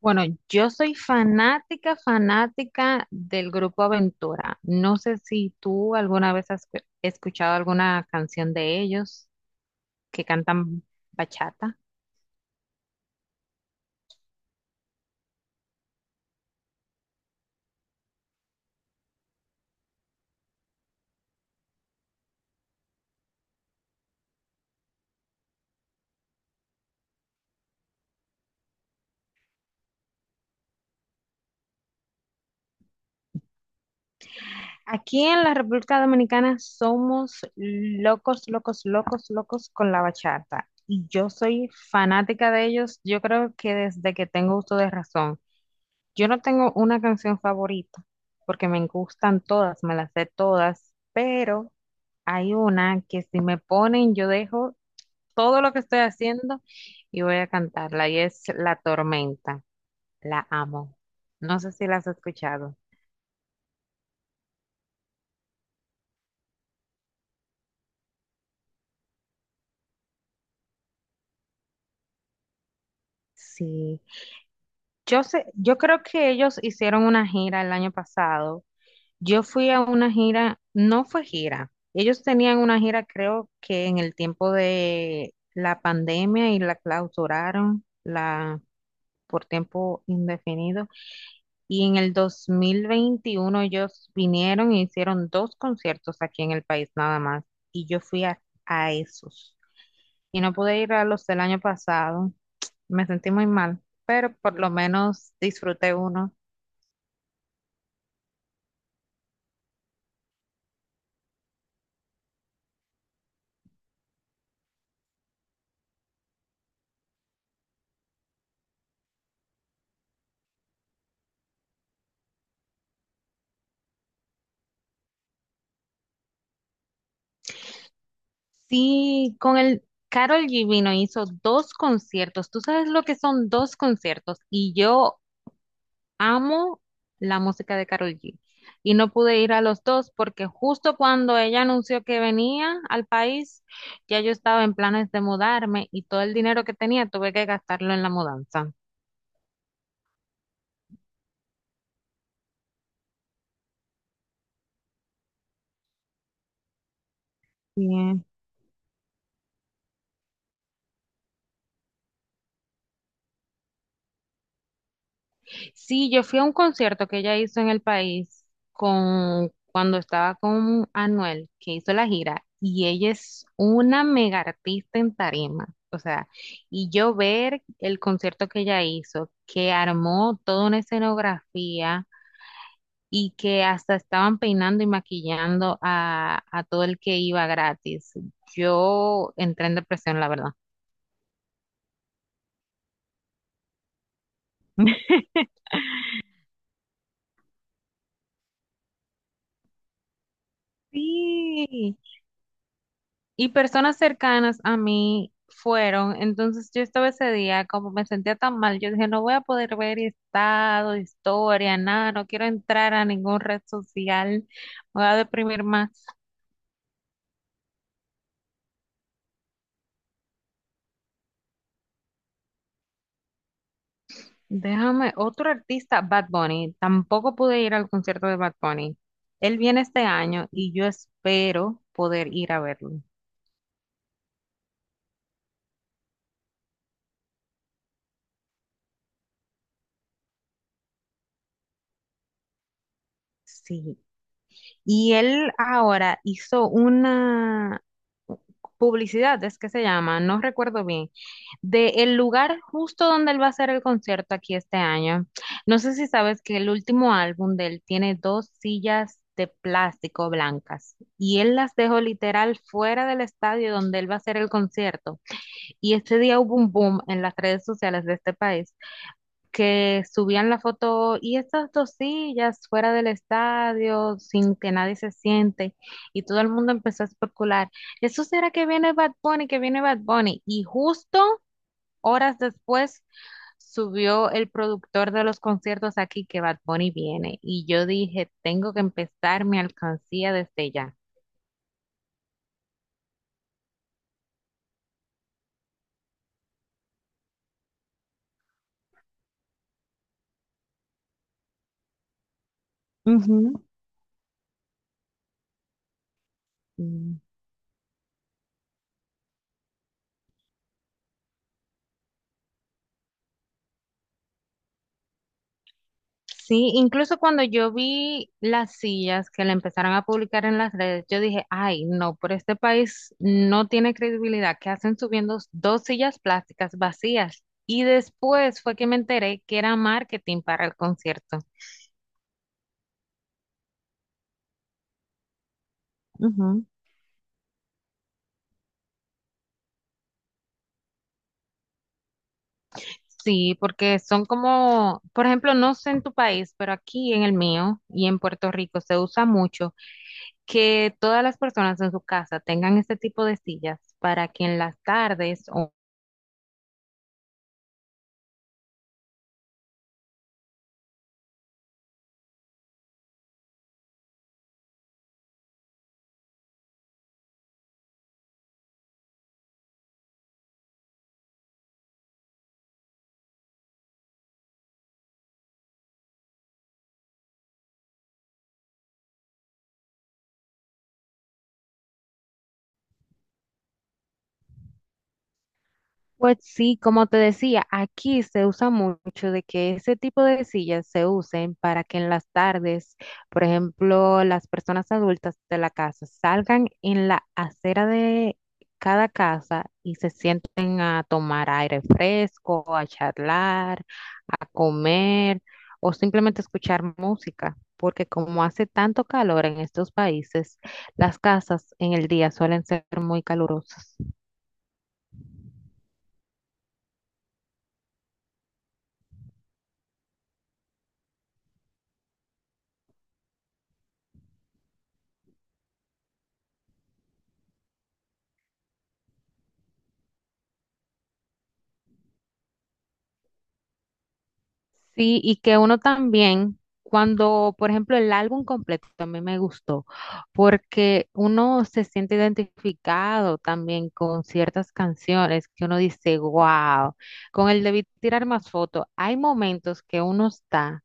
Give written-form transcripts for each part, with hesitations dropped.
Bueno, yo soy fanática, fanática del grupo Aventura. No sé si tú alguna vez has escuchado alguna canción de ellos que cantan bachata. Aquí en la República Dominicana somos locos, locos, locos, locos con la bachata. Y yo soy fanática de ellos, yo creo que desde que tengo uso de razón. Yo no tengo una canción favorita porque me gustan todas, me las sé todas, pero hay una que si me ponen yo dejo todo lo que estoy haciendo y voy a cantarla y es La Tormenta. La amo. No sé si la has escuchado. Sí. Yo sé, yo creo que ellos hicieron una gira el año pasado. Yo fui a una gira, no fue gira. Ellos tenían una gira, creo que en el tiempo de la pandemia y la clausuraron por tiempo indefinido. Y en el 2021 ellos vinieron y hicieron dos conciertos aquí en el país nada más. Y yo fui a esos. Y no pude ir a los del año pasado. Me sentí muy mal, pero por lo menos disfruté uno. Sí, con el Karol G vino, hizo dos conciertos. ¿Tú sabes lo que son dos conciertos? Y yo amo la música de Karol G. Y no pude ir a los dos porque justo cuando ella anunció que venía al país, ya yo estaba en planes de mudarme y todo el dinero que tenía tuve que gastarlo en la mudanza. Sí, yo fui a un concierto que ella hizo en el país con cuando estaba con Anuel, que hizo la gira, y ella es una mega artista en tarima. O sea, y yo ver el concierto que ella hizo, que armó toda una escenografía y que hasta estaban peinando y maquillando a todo el que iba gratis. Yo entré en depresión, la verdad. Sí, y personas cercanas a mí fueron. Entonces yo estaba ese día, como me sentía tan mal, yo dije, no voy a poder ver estado, historia, nada, no quiero entrar a ningún red social, me voy a deprimir más. Déjame, otro artista, Bad Bunny, tampoco pude ir al concierto de Bad Bunny. Él viene este año y yo espero poder ir a verlo. Sí. Y él ahora hizo una publicidad, es que se llama, no recuerdo bien, de el lugar justo donde él va a hacer el concierto aquí este año. No sé si sabes que el último álbum de él tiene dos sillas de plástico blancas y él las dejó literal fuera del estadio donde él va a hacer el concierto. Y este día hubo un boom en las redes sociales de este país que subían la foto y estas dos sillas fuera del estadio sin que nadie se siente y todo el mundo empezó a especular, ¿eso será que viene Bad Bunny, que viene Bad Bunny? Y justo horas después subió el productor de los conciertos aquí que Bad Bunny viene y yo dije, tengo que empezar mi alcancía desde ya. Ujú. Sí, incluso cuando yo vi las sillas que la empezaron a publicar en las redes, yo dije, ay, no, pero este país no tiene credibilidad. ¿Qué hacen subiendo dos sillas plásticas vacías? Y después fue que me enteré que era marketing para el concierto. Ujú. Sí, porque son como, por ejemplo, no sé en tu país, pero aquí en el mío y en Puerto Rico se usa mucho que todas las personas en su casa tengan este tipo de sillas para que en las tardes o pues sí, como te decía, aquí se usa mucho de que ese tipo de sillas se usen para que en las tardes, por ejemplo, las personas adultas de la casa salgan en la acera de cada casa y se sienten a tomar aire fresco, a charlar, a comer o simplemente escuchar música, porque como hace tanto calor en estos países, las casas en el día suelen ser muy calurosas. Sí, y que uno también, cuando, por ejemplo, el álbum completo también me gustó, porque uno se siente identificado también con ciertas canciones que uno dice, wow, con el de Vi- tirar más fotos, hay momentos que uno está,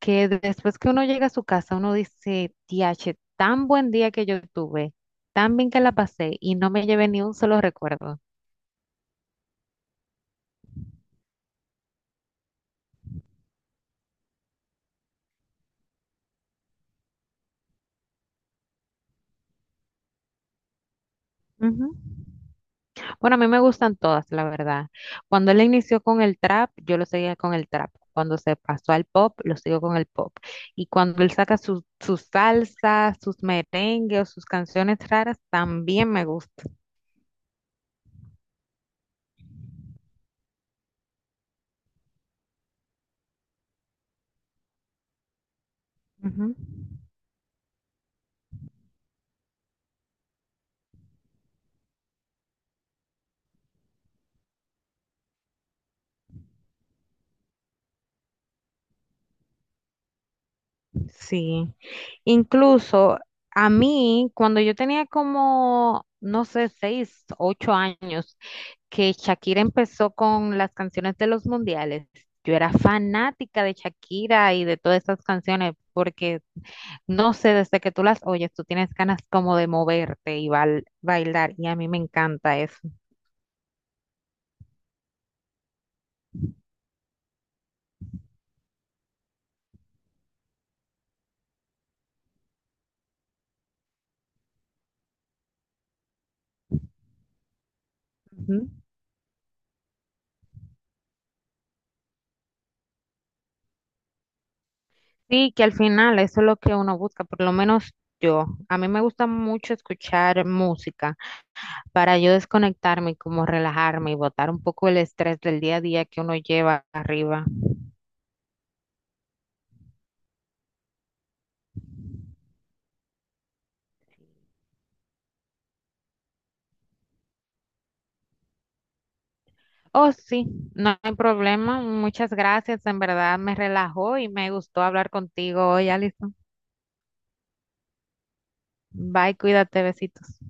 que después que uno llega a su casa, uno dice, tiache, tan buen día que yo tuve, tan bien que la pasé y no me llevé ni un solo recuerdo. Ujú. Bueno, a mí me gustan todas, la verdad. Cuando él inició con el trap, yo lo seguía con el trap. Cuando se pasó al pop, lo sigo con el pop. Y cuando él saca sus salsas, sus merengues o sus canciones raras, también me gusta. Ujú. Sí, incluso a mí, cuando yo tenía como, no sé, 6, 8 años, que Shakira empezó con las canciones de los mundiales, yo era fanática de Shakira y de todas esas canciones, porque no sé, desde que tú las oyes, tú tienes ganas como de moverte y bailar, y a mí me encanta eso. Ujú. Sí, que al final eso es lo que uno busca, por lo menos yo. A mí me gusta mucho escuchar música para yo desconectarme y como relajarme y botar un poco el estrés del día a día que uno lleva arriba. Oh, sí, no hay problema. Muchas gracias. En verdad me relajó y me gustó hablar contigo hoy, Alison. Bye, cuídate, besitos.